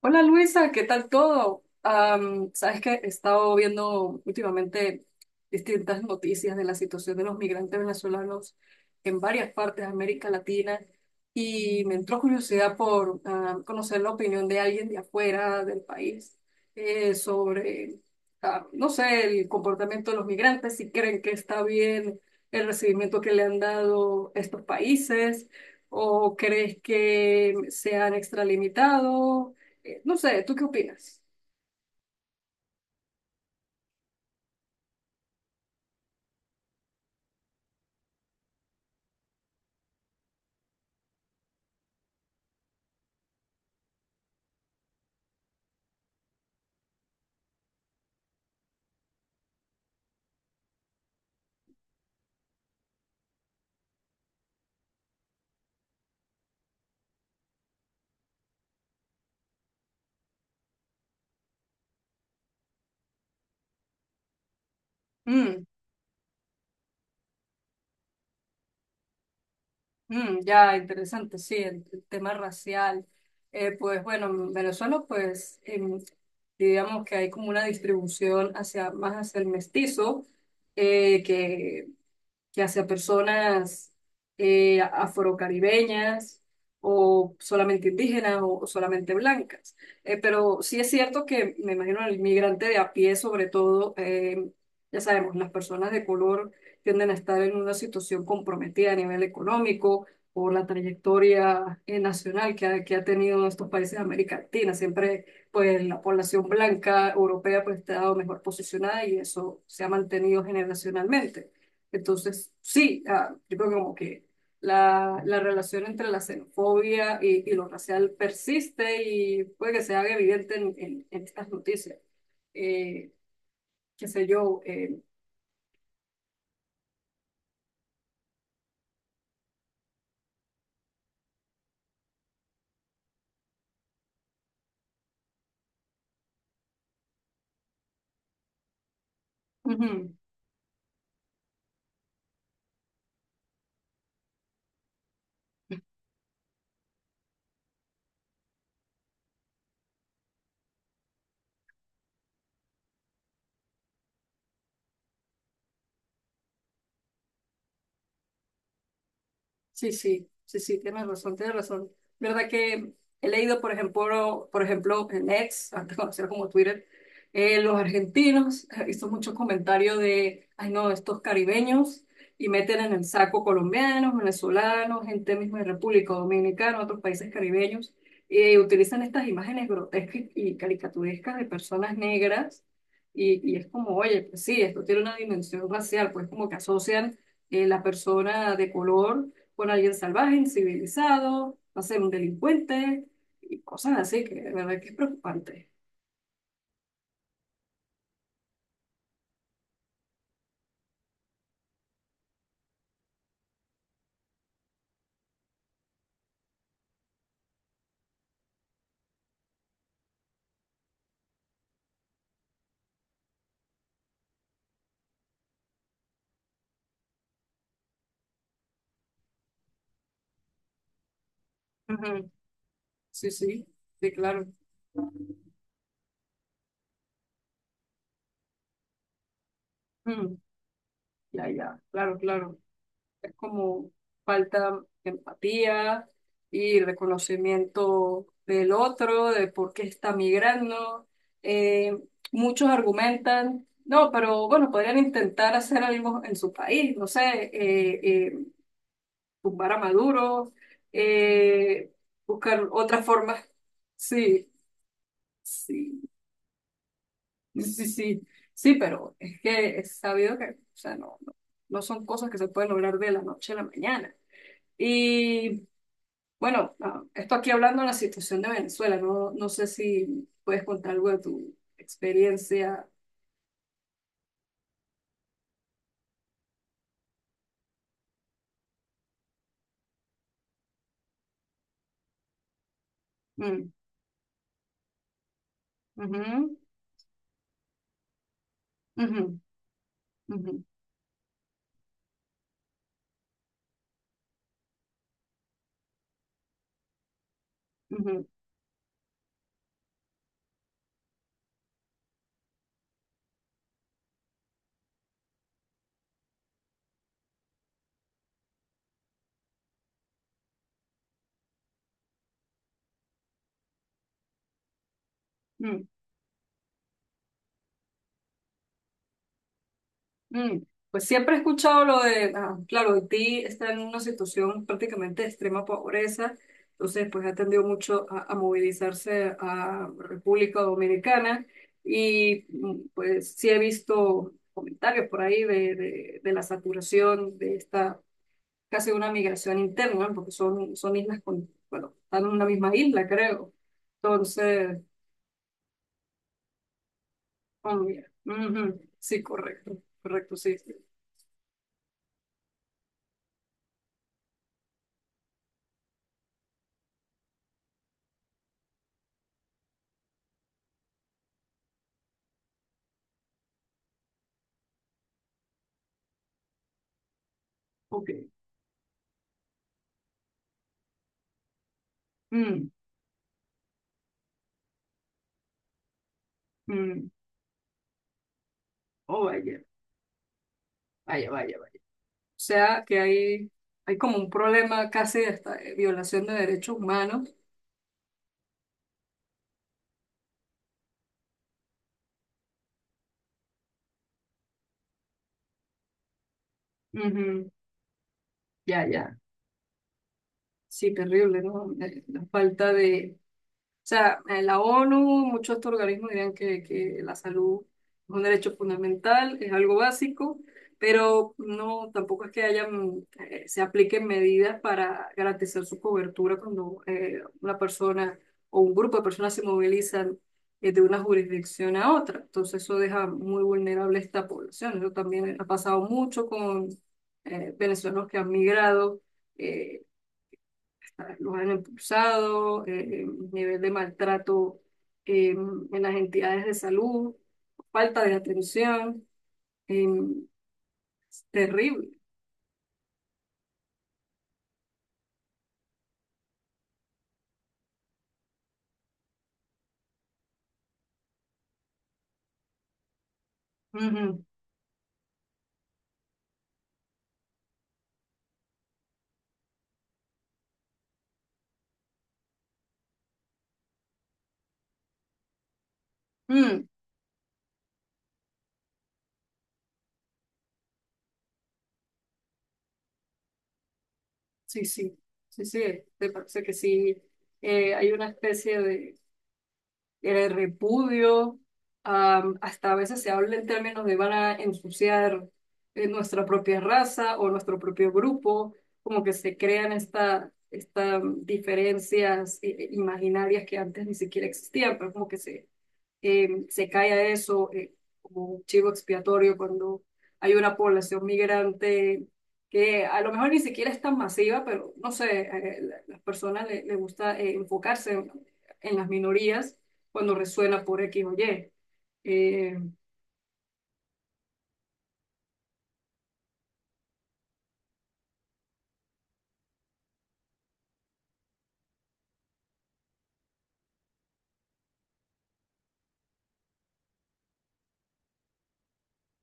Hola Luisa, ¿qué tal todo? Sabes que he estado viendo últimamente distintas noticias de la situación de los migrantes venezolanos en varias partes de América Latina y me entró curiosidad por conocer la opinión de alguien de afuera del país sobre, no sé, el comportamiento de los migrantes, si creen que está bien el recibimiento que le han dado estos países. ¿O crees que se han extralimitado? No sé, ¿tú qué opinas? Mm, mm, ya, interesante, sí, el tema racial. Pues bueno, en Venezuela, pues digamos que hay como una distribución hacia, más hacia el mestizo, que ya sea personas afrocaribeñas o solamente indígenas o solamente blancas. Pero sí es cierto que me imagino el migrante de a pie, sobre todo, ya sabemos, las personas de color tienden a estar en una situación comprometida a nivel económico por la trayectoria nacional que ha tenido estos países de América Latina. Siempre, pues, la población blanca europea, pues, ha estado mejor posicionada y eso se ha mantenido generacionalmente. Entonces, sí, yo creo que como que la relación entre la xenofobia y lo racial persiste y puede que se haga evidente en estas noticias. Eh, Qué sé yo, ujú. Sí, sí, sí, sí, tienes razón, tienes razón. ¿Verdad que he leído, por ejemplo, en X, antes conocido como Twitter, los argentinos, he visto muchos comentarios de, ay no, estos caribeños, y meten en el saco colombianos, venezolanos, gente misma de República Dominicana, otros países caribeños, y utilizan estas imágenes grotescas y caricaturescas de personas negras, y es como, oye, pues sí, esto tiene una dimensión racial, pues como que asocian la persona de color por alguien salvaje, incivilizado, no sé, un delincuente y cosas así, que de verdad que es preocupante. Ujú. Sí, sí, sí, claro. Mm, ya, ya, claro, claro. Es como falta de empatía y reconocimiento del otro, de por qué está migrando. Eh, Muchos argumentan, no, pero bueno, podrían intentar hacer algo en su país, no sé, eh, eh, tumbar a Maduro, eh, buscar otras formas. Sí, sí, sí, sí, sí, pero es que es sabido que, o sea, no son cosas que se pueden lograr de la noche a la mañana. Y bueno, esto aquí hablando de la situación de Venezuela, no, no sé si puedes contar algo de tu experiencia. Mm, ujú, ujú, ujú, ujú, ujú, mm. Pues siempre he escuchado lo de, ah, claro, Haití está en una situación prácticamente de extrema pobreza, entonces pues ha tendido mucho a movilizarse a República Dominicana y mm, pues sí he visto comentarios por ahí de la saturación de esta casi una migración interna, ¿no? Porque son, son islas con, bueno, están en una misma isla, creo. Entonces, oh, mira. Ujú. Sí, correcto, correcto, sí. Ok. Mm, mm. Oh, vaya, vaya, vaya, vaya. O sea, que hay como un problema casi hasta de esta violación de derechos humanos. Ujú, ya, ya. Sí, terrible, ¿no? La falta de, o sea, la ONU, muchos de estos organismos dirán que la salud es un derecho fundamental, es algo básico, pero no, tampoco es que hayan, se apliquen medidas para garantizar su cobertura cuando una persona o un grupo de personas se movilizan de una jurisdicción a otra. Entonces eso deja muy vulnerable a esta población. Eso también ha pasado mucho con venezolanos que han migrado. Eh, los han impulsado, nivel de maltrato en las entidades de salud, falta de atención, eh, terrible. Ujú. Mm, sí, sí, sí, sí, me parece que sí, hay una especie de el repudio, hasta a veces se habla en términos de van a ensuciar nuestra propia raza o nuestro propio grupo, como que se crean estas diferencias imaginarias que antes ni siquiera existían, pero como que se se cae a eso como un chivo expiatorio cuando hay una población migrante que a lo mejor ni siquiera es tan masiva, pero no sé, las personas le gusta enfocarse en las minorías cuando resuena por X o Y. Eh,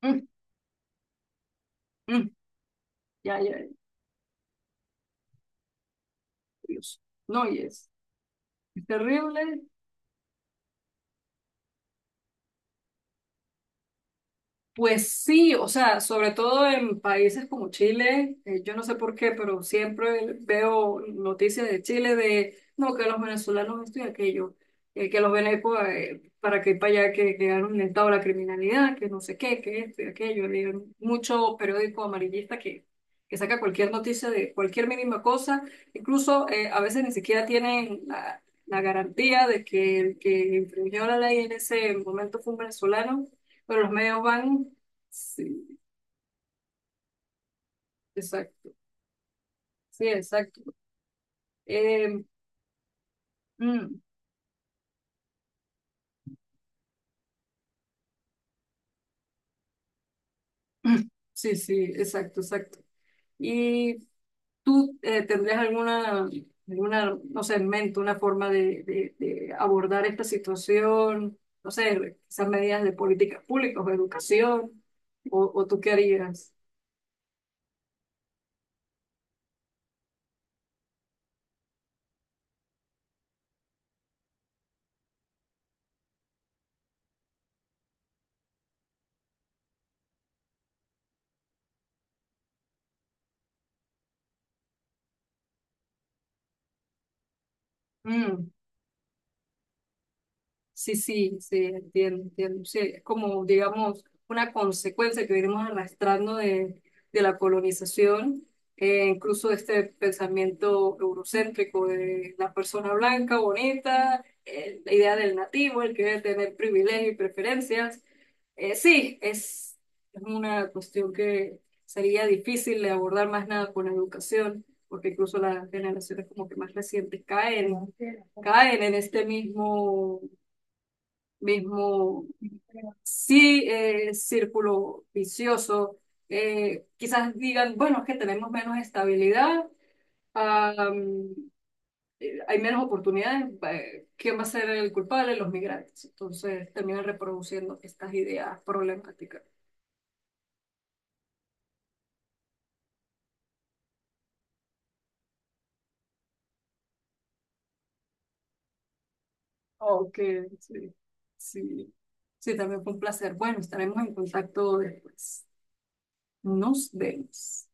mm, mm, ya, ya, Dios. No, y es terrible. Pues sí, o sea, sobre todo en países como Chile, yo no sé por qué, pero siempre veo noticias de Chile de, no, que los venezolanos esto y aquello, que los venecos para que para allá que quedaron en estado de la criminalidad, que no sé qué, que esto y aquello. Hay mucho periódico amarillista que saca cualquier noticia de cualquier mínima cosa, incluso a veces ni siquiera tienen la garantía de que el que infringió la ley en ese momento fue un venezolano, pero los medios van, sí, exacto, sí, exacto. Eh, mm, sí, sí, exacto, exacto. ¿Y tú tendrías alguna, alguna, no sé, en mente una forma de abordar esta situación? No sé, quizás medidas de políticas públicas o educación, o tú qué harías? Mm. Sí, sí, sí, entiendo, entiendo. Sí, es como, digamos, una consecuencia que venimos arrastrando de la colonización, incluso de este pensamiento eurocéntrico de la persona blanca, bonita, la idea del nativo, el que debe tener privilegios y preferencias. Sí, es una cuestión que sería difícil de abordar más nada con la educación, porque incluso las generaciones como que más recientes caen en este mismo, sí, círculo vicioso. Quizás digan, bueno, es que tenemos menos estabilidad, am, hay menos oportunidades, ¿quién va a ser el culpable? Los migrantes. Entonces terminan reproduciendo estas ideas problemáticas. Ok, sí, sí, sí, también fue un placer. Bueno, estaremos en contacto después. Nos vemos.